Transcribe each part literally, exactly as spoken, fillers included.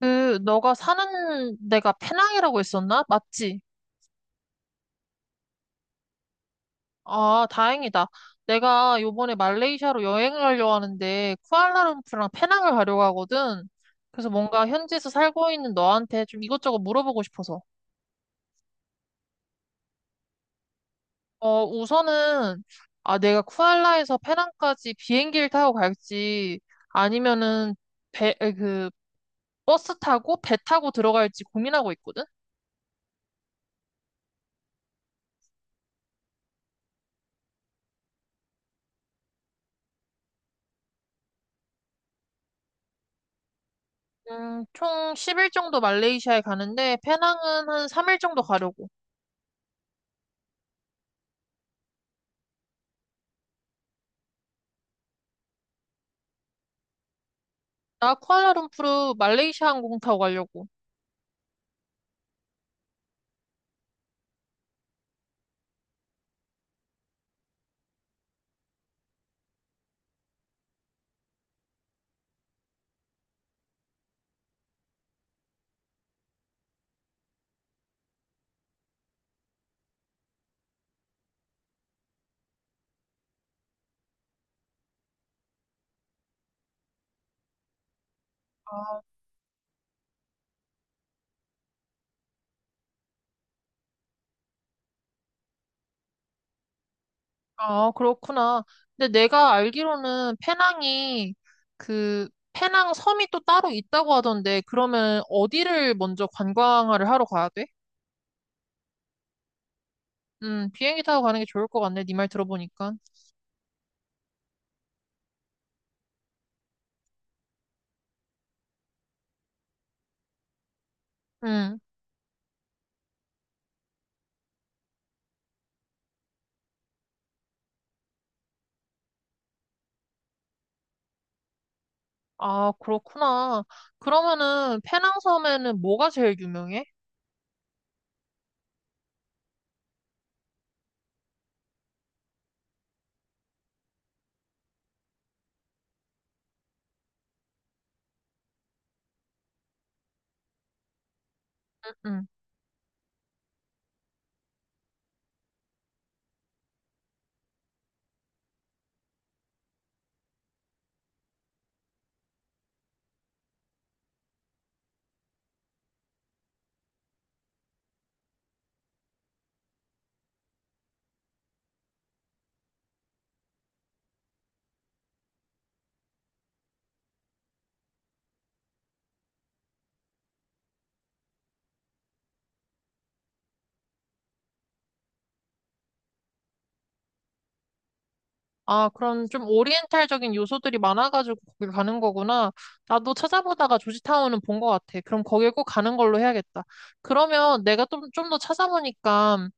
그, 너가 사는 데가 페낭이라고 했었나? 맞지? 아, 다행이다. 내가 요번에 말레이시아로 여행을 가려고 하는데, 쿠알라룸푸랑 페낭을 가려고 하거든. 그래서 뭔가 현지에서 살고 있는 너한테 좀 이것저것 물어보고 싶어서. 어, 우선은, 아, 내가 쿠알라에서 페낭까지 비행기를 타고 갈지, 아니면은, 배, 에, 그, 버스 타고 배 타고 들어갈지 고민하고 있거든? 음, 총 십 일 정도 말레이시아에 가는데, 페낭은 한 삼 일 정도 가려고. 나 쿠알라룸푸르 말레이시아 항공 타고 가려고. 아, 그렇구나. 근데 내가 알기로는 페낭이 그 페낭 섬이 또 따로 있다고 하던데 그러면 어디를 먼저 관광을 하러 가야 돼? 음, 비행기 타고 가는 게 좋을 것 같네. 네 말 들어보니까. 음. 아, 그렇구나. 그러면은 페낭 섬에는 뭐가 제일 유명해? 음. 아, 그런 좀 오리엔탈적인 요소들이 많아가지고 거길 가는 거구나. 나도 찾아보다가 조지타운은 본 것 같아. 그럼 거길 꼭 가는 걸로 해야겠다. 그러면 내가 좀, 좀 더 찾아보니까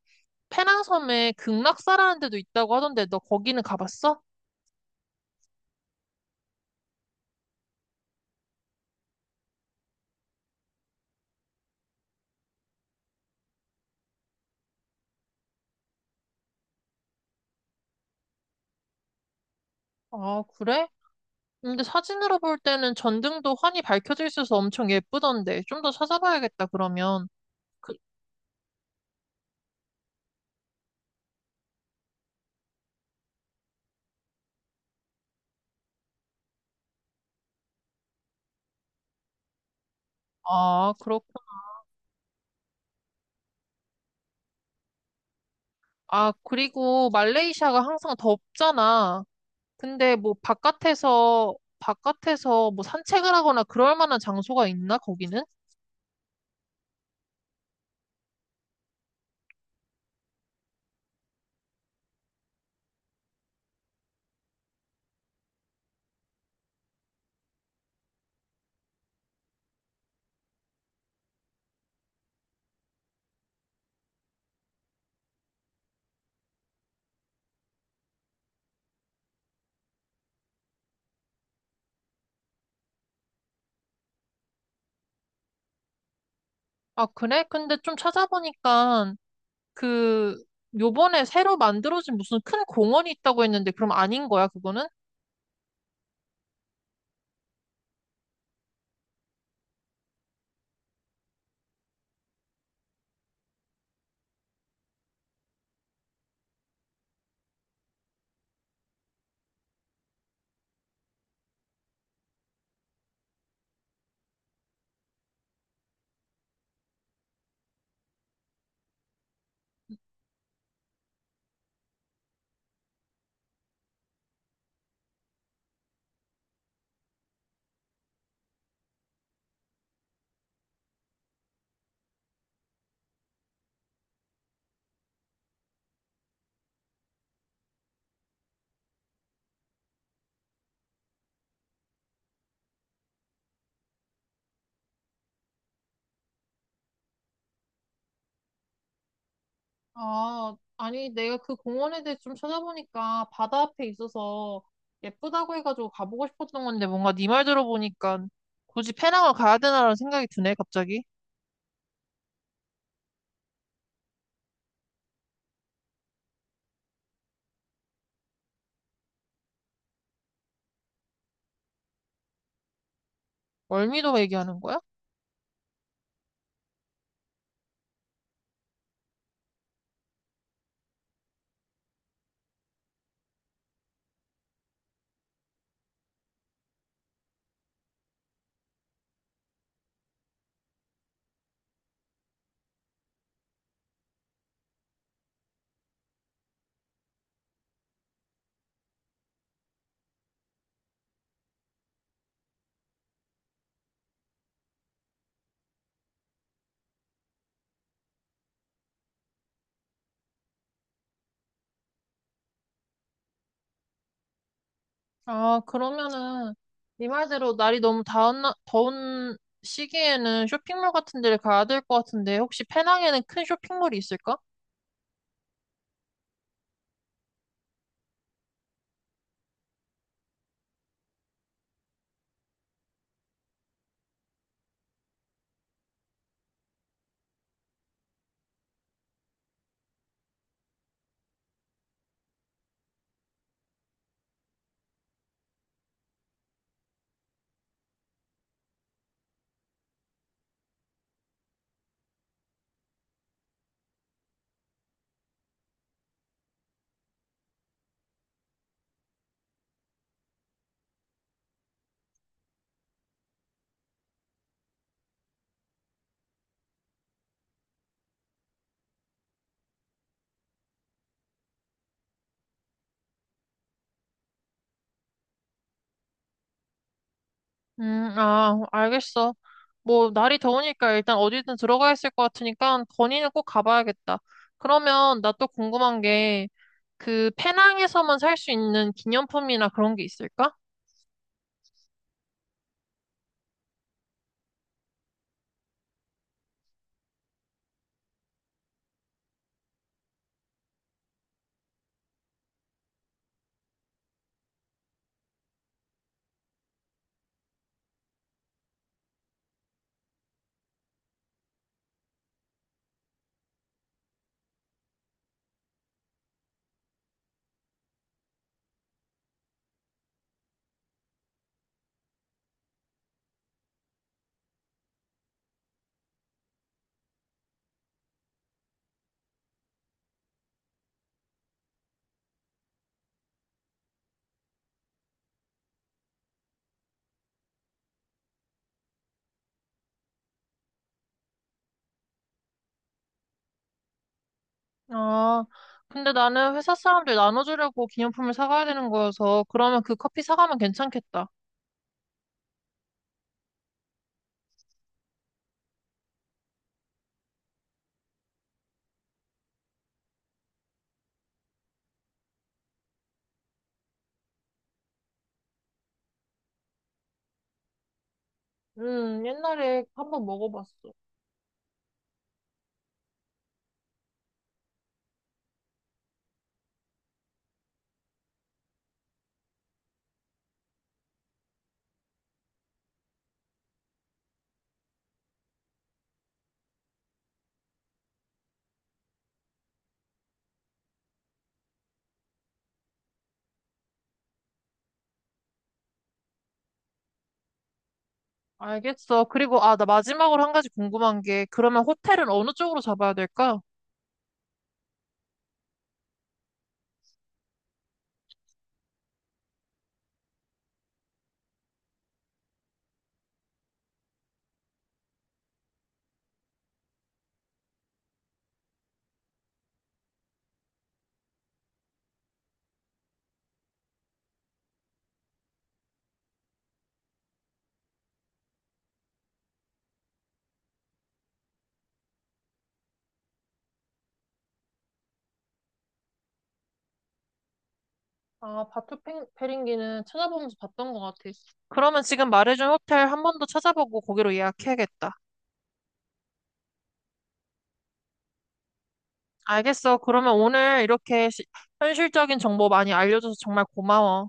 페낭섬에 극락사라는 데도 있다고 하던데 너 거기는 가봤어? 아, 그래? 근데 사진으로 볼 때는 전등도 환히 밝혀져 있어서 엄청 예쁘던데. 좀 더 찾아봐야겠다, 그러면. 그, 아, 그렇구 아, 그리고 말레이시아가 항상 덥잖아. 근데 뭐 바깥에서 바깥에서 뭐 산책을 하거나 그럴 만한 장소가 있나 거기는? 아, 그래? 근데 좀 찾아보니까 그 요번에 새로 만들어진 무슨 큰 공원이 있다고 했는데 그럼 아닌 거야, 그거는? 아, 아니 내가 그 공원에 대해 좀 찾아보니까 바다 앞에 있어서 예쁘다고 해가지고 가보고 싶었던 건데 뭔가 네 말 들어보니까 굳이 페낭을 가야 되나라는 생각이 드네, 갑자기. 월미도 얘기하는 거야? 아, 그러면은 네 말대로 날이 너무 다운, 나- 더운 시기에는 쇼핑몰 같은 데를 가야 될 것 같은데 혹시 페낭에는 큰 쇼핑몰이 있을까? 음, 아, 알겠어. 뭐 날이 더우니까 일단 어디든 들어가 있을 것 같으니까 건의는 꼭 가봐야겠다. 그러면 나 또 궁금한 게 그 페낭에서만 살 수 있는 기념품이나 그런 게 있을까? 아, 근데 나는 회사 사람들 나눠주려고 기념품을 사가야 되는 거여서 그러면 그 커피 사가면 괜찮겠다. 음, 옛날에 한번 먹어봤어. 알겠어. 그리고, 아, 나 마지막으로 한 가지 궁금한 게, 그러면 호텔은 어느 쪽으로 잡아야 될까? 아, 바투 페- 페링기는 찾아보면서 봤던 것 같아. 그러면 지금 말해준 호텔 한 번 더 찾아보고 거기로 예약해야겠다. 알겠어. 그러면 오늘 이렇게 시- 현실적인 정보 많이 알려줘서 정말 고마워.